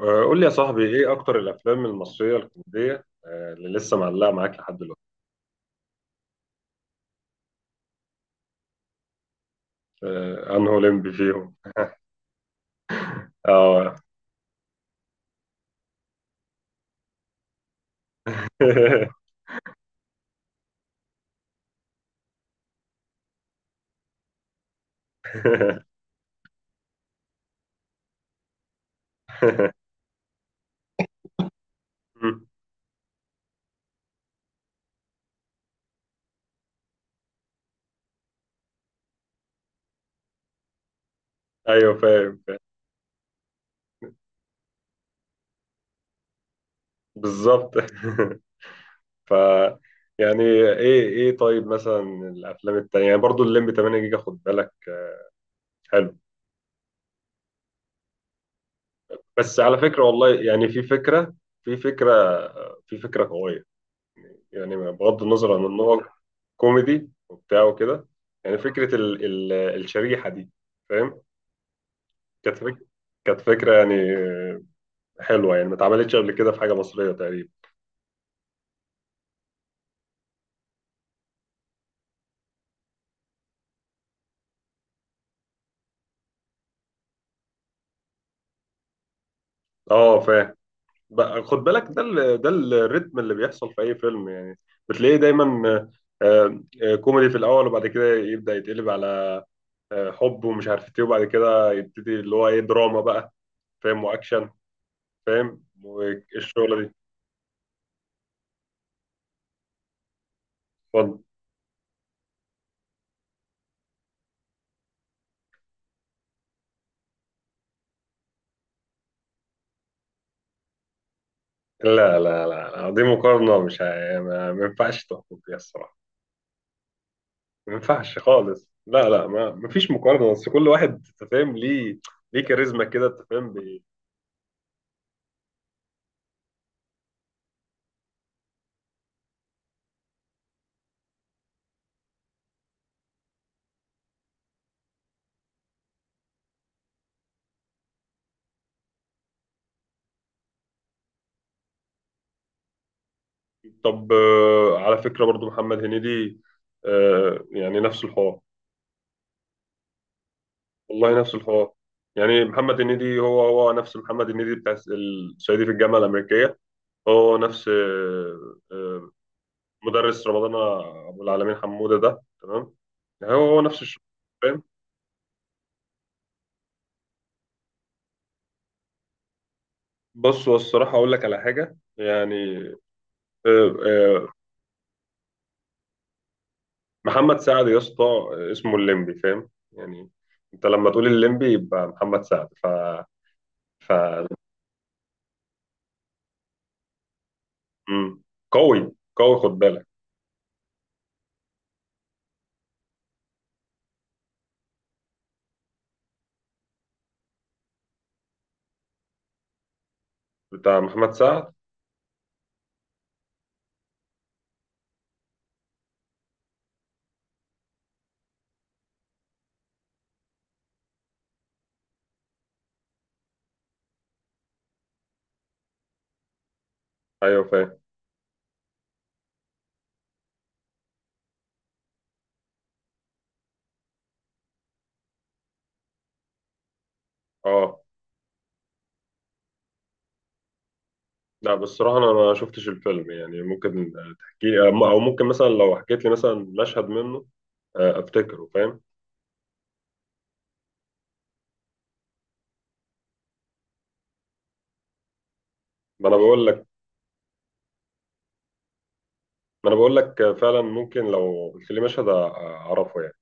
قول لي يا صاحبي، ايه اكتر الافلام المصريه الكوميديه اللي لسه معلقه معاك لحد دلوقتي؟ انه لمبي فيهم. اه. مم. ايوه فاهم فاهم. بالظبط. ف يعني ايه طيب مثلا الافلام التانية، يعني برضو الليمبي 8 جيجا خد بالك. حلو. بس على فكره والله، يعني في فكره في فكره قويه. يعني بغض النظر عن ان هو كوميدي وبتاع وكده. يعني فكره ال الشريحه دي، فاهم. كانت فكرة كانت فكرة يعني حلوة، يعني ما اتعملتش قبل كده في حاجة مصرية تقريبا. اه فاهم. بقى خد بالك، ده الريتم اللي بيحصل في أي فيلم يعني، بتلاقيه دايما. كوميدي في الأول وبعد كده يبدأ يتقلب على حب ومش عارف ايه، وبعد كده يبتدي اللي هو ايه دراما بقى، فاهم، وأكشن، فاهم والشغلة دي. اتفضل. لا لا لا لا، دي مقارنة مش ه- ما ما ينفعش تحكم فيها الصراحة، ما ينفعش خالص. لا لا، ما فيش مقارنه، بس كل واحد انت فاهم ليه، ليه كاريزما كده انت فاهم. طب على فكره، برضو محمد هنيدي يعني نفس الحوار. والله نفس الحوار، يعني محمد هنيدي هو نفس محمد هنيدي بتاع الصعيدي في الجامعه الامريكيه. هو نفس مدرس رمضان، ابو العالمين حموده ده، تمام. يعني هو نفس الشغل، فاهم. بص هو الصراحه اقول لك على حاجه يعني، آه، آه، محمد سعد يا اسطى، اسمه الليمبي فاهم يعني، انت لما تقول الليمبي يبقى محمد سعد ف ف مم. قوي قوي خد بالك. بتاع محمد سعد. ايوه فاهم. اه. لا بصراحة انا ما شفتش الفيلم يعني، ممكن تحكي لي او ممكن مثلا لو حكيت لي مثلا مشهد منه، افتكره فاهم. ما انا بقول لك ما انا بقول لك فعلا، ممكن لو قلت لي اعرفه يعني.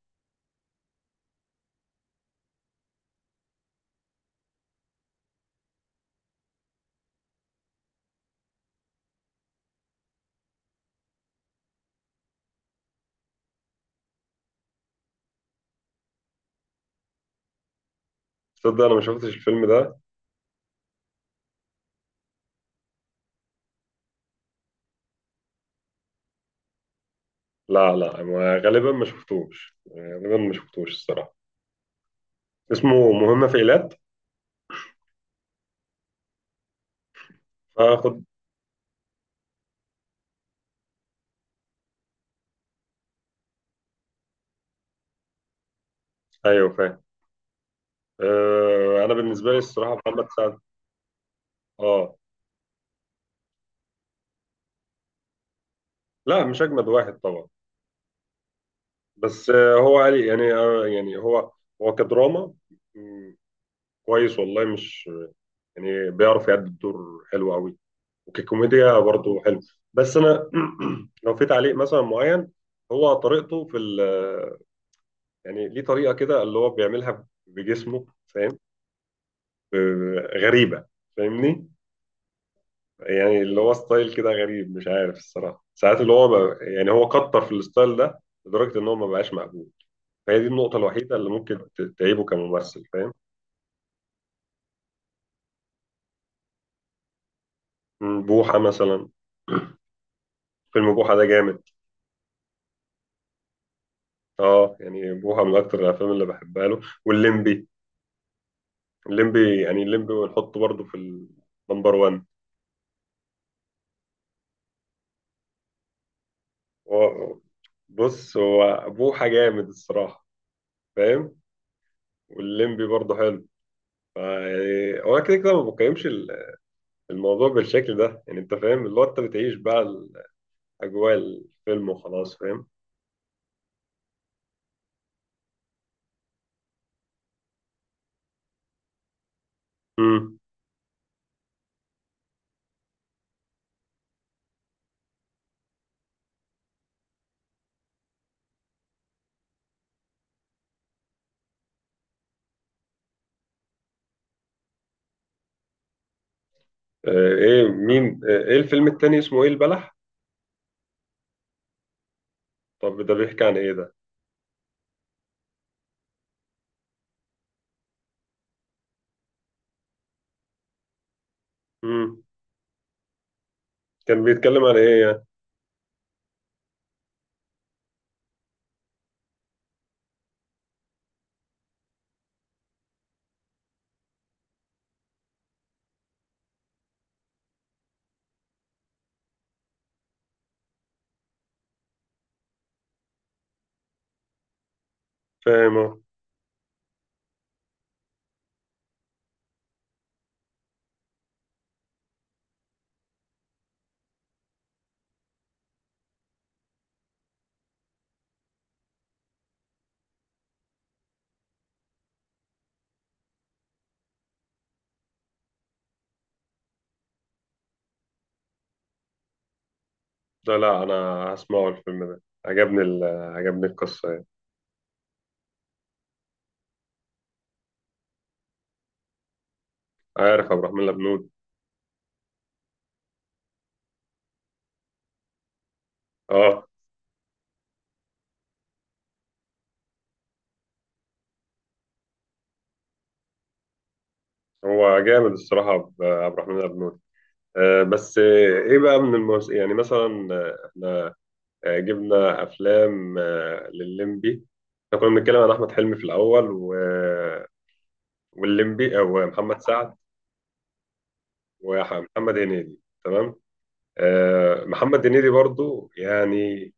تصدق انا ما شفتش الفيلم ده. لا لا، غالبا ما شفتوش، غالبا ما شفتوش الصراحة. اسمه مهمة في إيلات. فاخد. ايوه فاهم. انا بالنسبة لي الصراحة محمد سعد. اه، لا مش اجمد واحد طبعا، بس هو قال يعني يعني هو، هو كدراما، مم، كويس والله، مش يعني بيعرف يأدي الدور حلو قوي، وككوميديا برضه حلو. بس انا، لو في تعليق مثلا معين، هو طريقته في يعني ليه طريقة كده اللي هو بيعملها بجسمه، فاهم، غريبة، فاهمني. يعني اللي هو ستايل كده غريب، مش عارف الصراحة ساعات اللي هو، ما يعني هو كتر في الستايل ده لدرجة ان هو ما بقاش مقبول. فهي دي النقطة الوحيدة اللي ممكن تعيبه كممثل، فاهم. بوحة مثلا، فيلم بوحة ده جامد. اه يعني بوحة من اكتر الافلام اللي بحبها له والليمبي. الليمبي يعني الليمبي، ونحطه برضه في النمبر 1. هو، بص هو بوحة جامد الصراحة، فاهم، والليمبي برضه حلو. فا يعني هو كده كده ما بقيمش الموضوع بالشكل ده. يعني انت فاهم اللي هو، انت بتعيش بقى اجواء الفيلم وخلاص، فاهم. امم آه ايه مين آه ايه الفيلم التاني اسمه ايه، البلح؟ طب ده بيحكي عن ايه ده؟ امم كان بيتكلم عن ايه يعني؟ فاهمه. لا لا انا هسمعه، الفيلم ده عجبني القصه يعني. عارف عبد الرحمن الابنود. اه. هو جامد الصراحه، عبد الرحمن الابنود. بس ايه بقى يعني مثلا احنا جبنا افلام للليمبي، احنا كنا بنتكلم عن احمد حلمي في الاول، و... والليمبي او محمد سعد، ومحمد هنيدي، تمام. محمد هنيدي برضو يعني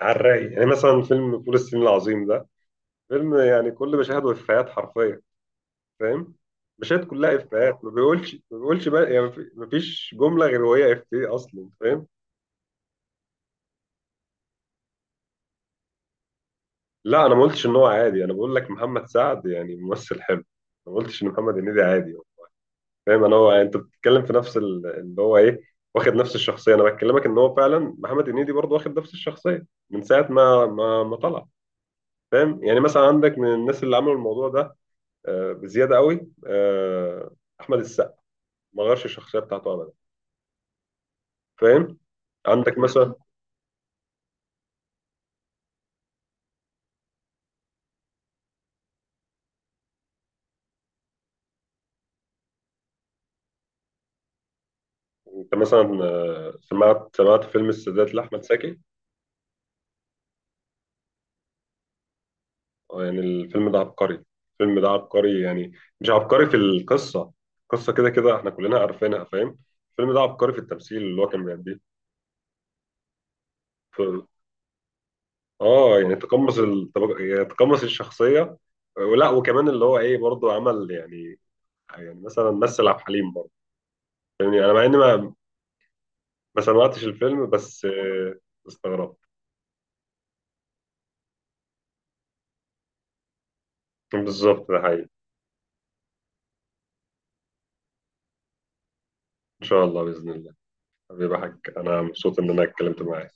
على الرايق، يعني مثلا فيلم فول الصين العظيم ده فيلم يعني كل مشاهده افيهات حرفيا، فاهم، مشاهد كلها افيهات، ما بيقولش بقى يعني ما فيش جمله غير وهي افيه اصلا، فاهم. لا انا ما قلتش ان هو عادي، انا بقول لك محمد سعد يعني ممثل حلو، ما قلتش ان محمد هنيدي عادي. فاهم، انا هو انت بتتكلم في اللي هو ايه، واخد نفس الشخصيه. انا بكلمك ان هو فعلا محمد هنيدي برضه واخد نفس الشخصيه من ساعه ما طلع، فاهم. يعني مثلا عندك من الناس اللي عملوا الموضوع ده بزياده قوي، احمد السقا، ما غيرش الشخصيه بتاعته ابدا، فاهم. عندك مثلا، انت مثلا سمعت فيلم السادات لاحمد زكي. يعني الفيلم ده عبقري، الفيلم ده عبقري يعني، مش عبقري في القصة، القصة كده كده احنا كلنا عارفينها، فاهم. الفيلم ده عبقري في التمثيل اللي هو كان بيأديه. ف- اه يعني يعني تقمص الشخصية، ولا وكمان اللي هو ايه برضه عمل، يعني يعني مثلا مثل عبد الحليم برضه، يعني انا مع اني ما ما سمعتش الفيلم، بس استغربت. بالظبط ده حقيقي. ان شاء الله باذن الله، حبيبي حاج انا مبسوط ان انا اتكلمت معاك.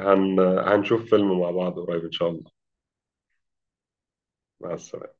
هنشوف فيلم مع بعض قريب ان شاء الله. مع السلامه.